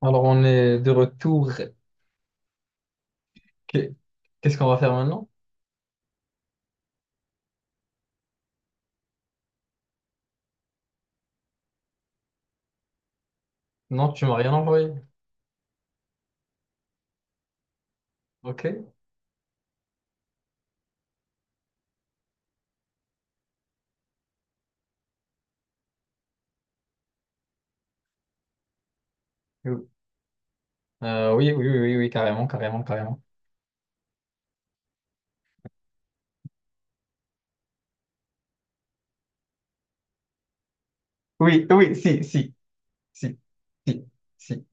Alors, on est de retour. Qu'est- Qu'est-ce qu'on va faire maintenant? Non, tu m'as rien envoyé. Ok. Oui, oui, oui, oui, oui, carrément, carrément, carrément. Oui, oui, si, si, si, si, si.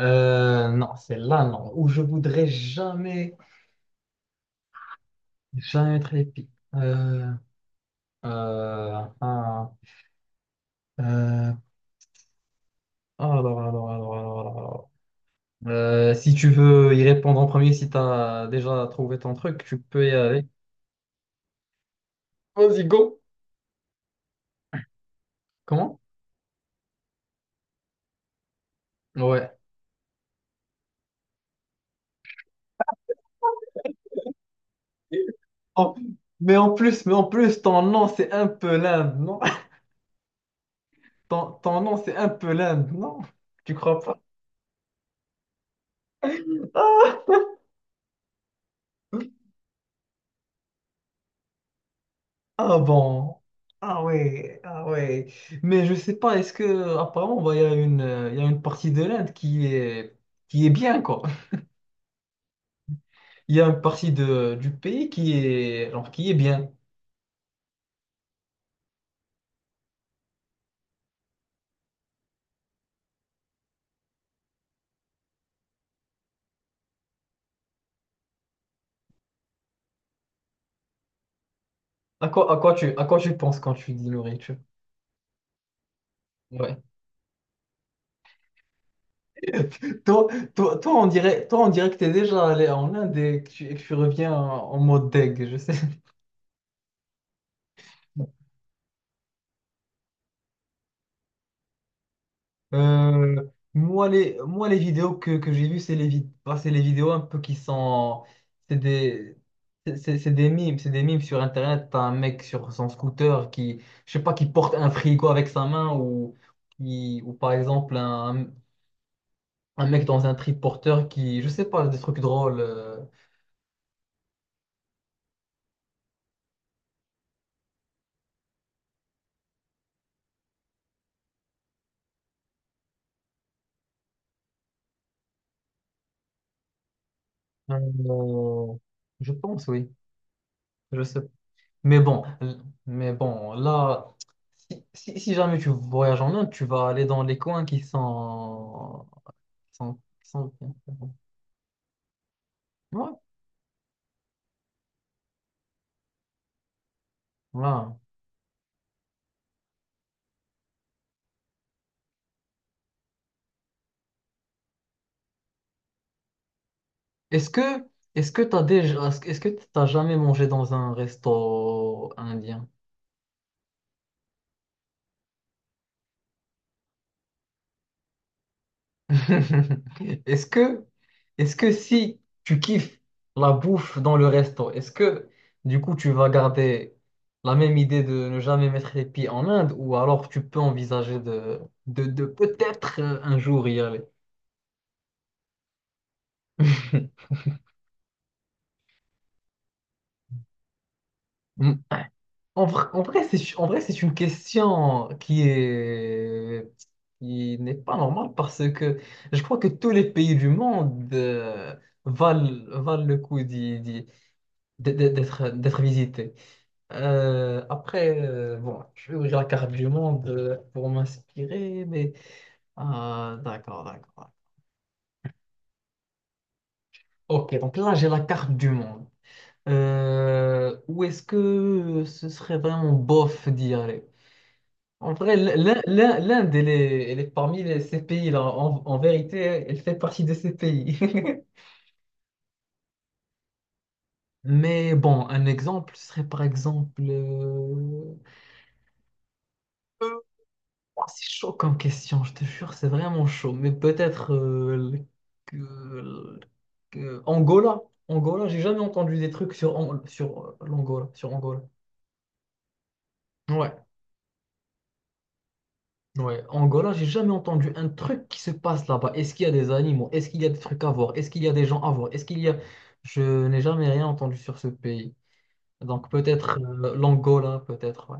Non, c'est là, non, où je voudrais jamais, jamais être épique. Euh, ah, euh, alors, alors, alors. Si tu veux y répondre en premier, si tu as déjà trouvé ton truc, tu peux y aller. Vas-y, go. Comment? Ouais. en- mais en plus, ton nom, c'est un peu l'Inde, non? Ton nom, c'est un peu l'Inde, non? Tu crois pas? Ah bon. Ah ouais, ah ouais. Mais je sais pas, est-ce que apparemment bah, il y a une il y a une partie de l'Inde qui est bien quoi. Il y a une partie de du pays qui est bien. À quoi tu penses quand tu dis nourriture? Ouais. Toi, toi, on dirait que t'es déjà allé en Inde et que tu reviens en mode deg, je sais. Euh, moi, les vidéos que j'ai vues, c'est les vidéos un peu qui sont. C'est des, c'est des mimes. C'est des mimes sur Internet. T'as un mec sur son scooter qui, je sais pas, qui porte un frigo avec sa main ou, ou par exemple un mec dans un triporteur qui, je sais pas, des trucs drôles. Euh, je pense, oui. Je sais. Mais bon, l- mais bon, là. Si jamais tu voyages en Inde, tu vas aller dans les coins qui sont 100, 115, 40. Ouais. Voilà. Est-ce que est-ce que t'as jamais mangé dans un resto indien? Est-ce que est-ce que si tu kiffes la bouffe dans le resto, est-ce que du coup tu vas garder la même idée de ne jamais mettre les pieds en Inde ou alors tu peux envisager de peut-être, un jour y aller? En vrai, c'est une question qui n'est pas normale parce que je crois que tous les pays du monde valent, valent le coup d'être visités. Après, bon, je vais ouvrir la carte du monde pour m'inspirer, mais ah, d'accord, d'accord. Ok, donc là, j'ai la carte du monde. Où est-ce que ce serait vraiment bof d'y aller? En vrai, l'Inde, elle est parmi ces pays-là. En vérité, elle fait partie de ces pays. Mais bon, un exemple serait par exemple, oh, c'est chaud comme question, je te jure, c'est vraiment chaud. Mais peut-être, que- le- Angola. Angola, j'ai jamais entendu des trucs sur, An- sur l'Angola, sur Angola. Ouais. Ouais, Angola, j'ai jamais entendu un truc qui se passe là-bas. Est-ce qu'il y a des animaux? Est-ce qu'il y a des trucs à voir? Est-ce qu'il y a des gens à voir? Est-ce qu'il y a? Je n'ai jamais rien entendu sur ce pays. Donc peut-être l'Angola, peut-être, ouais.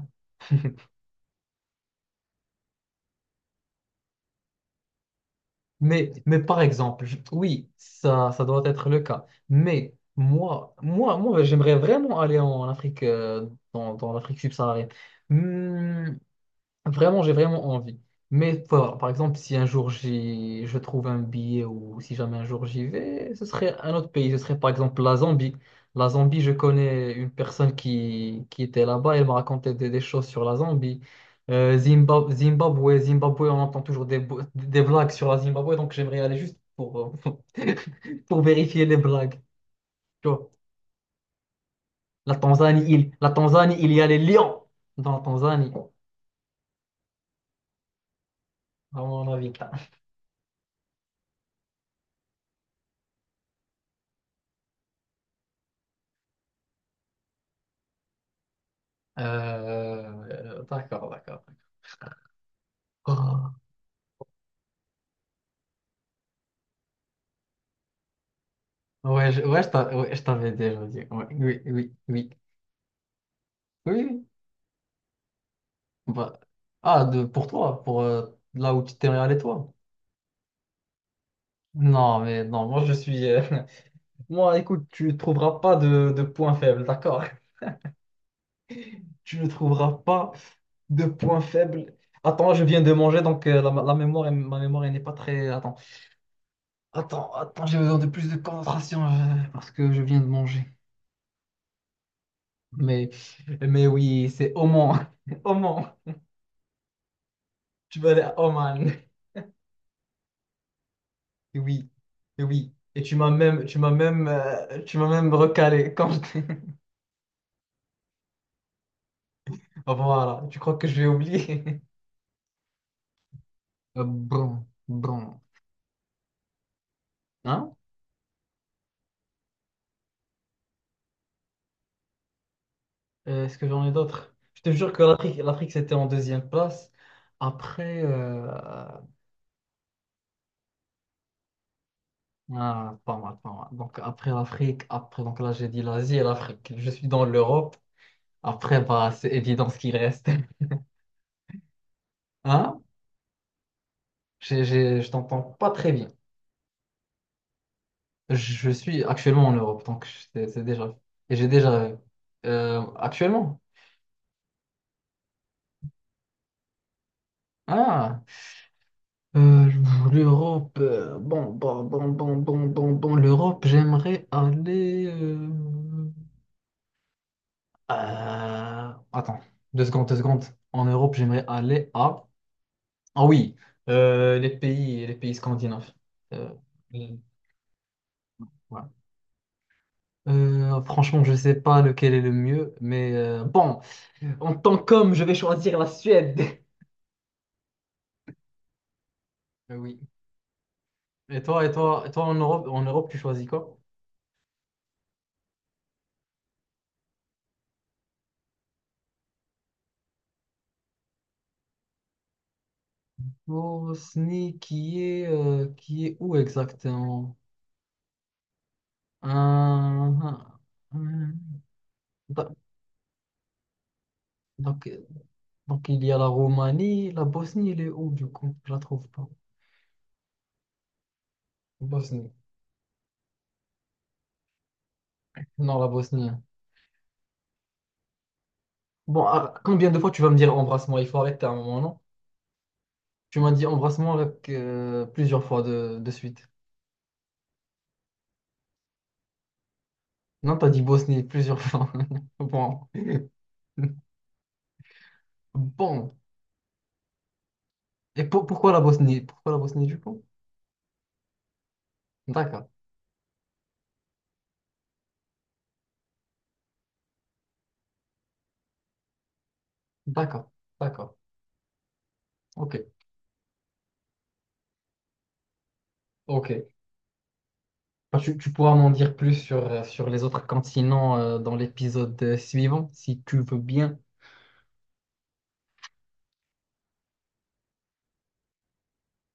Mais, par exemple, oui, ça doit être le cas. Mais moi, j'aimerais vraiment aller en Afrique, dans l'Afrique subsaharienne. Hmm. Vraiment, j'ai vraiment envie. Mais faut voir. Par exemple, si un jour je trouve un billet ou si jamais un jour j'y vais, ce serait un autre pays. Ce serait par exemple la Zambie. La Zambie, je connais une personne qui était là-bas. Elle m'a raconté des choses sur la Zambie. Zimbabwe, on entend toujours des blagues sur la Zimbabwe. Donc j'aimerais aller juste pour, euh, pour vérifier les blagues. Tu vois. La Tanzanie, il y a les lions dans la Tanzanie, à mon avis. D'accord, d'accord. Oh, ouais, je t'avais déjà dit. Ouais, oui, oui, oui. Oui. Oui. Bah, ah, pour toi, pour là où tu t'es allé, toi. Non, mais non, moi je suis. Moi, écoute, tu ne trouveras pas de points faibles, d'accord? Tu ne trouveras pas de points faibles. Attends, je viens de manger, donc ma mémoire elle n'est pas très. Attends, j'ai besoin de plus de concentration parce que je viens de manger. Mais, mais, oui, c'est Oman. Oman. Tu vas aller à Oman. Et oui. Et oui. Et tu m'as même recalé Voilà. Tu crois que je vais oublier? Bon, bon. Hein? Est-ce que j'en ai d'autres? Je te jure que l'Afrique, c'était en 2e place. Après, ah, pas mal, pas mal. Donc après l'Afrique, après, donc là j'ai dit l'Asie et l'Afrique. Je suis dans l'Europe. Après, bah, c'est évident ce qui reste. Hein? Je t'entends pas très bien. Je suis actuellement en Europe, donc c'est déjà. Et j'ai déjà. Actuellement? Ah! Euh, L'Europe. Bon, l'Europe, j'aimerais aller. Attends, 2 secondes, 2 secondes. En Europe, j'aimerais aller à. Ah oui, les pays scandinaves. Euh, voilà. Franchement, je sais pas lequel est le mieux, mais bon, en tant qu'homme, je vais choisir la Suède. Oui. Et toi, en Europe, tu choisis quoi? Bosnie, qui est où exactement? Hum. Hum. Da- donc, donc, il y a la Roumanie, la Bosnie, elle est où du coup? Je la trouve pas. Bosnie. Non, la Bosnie, hein. Bon, ah, combien de fois tu vas me dire embrassement? Il faut arrêter à un moment, non? Tu m'as dit embrassement plusieurs fois de suite. Non, t'as dit Bosnie plusieurs fois. Bon. Bon. Et pourquoi la Bosnie? Pourquoi la Bosnie du coup? D'accord, d'accord, d'accord. Ok, ok. Bah, tu pourras m'en dire plus sur les autres continents dans l'épisode suivant, si tu veux bien.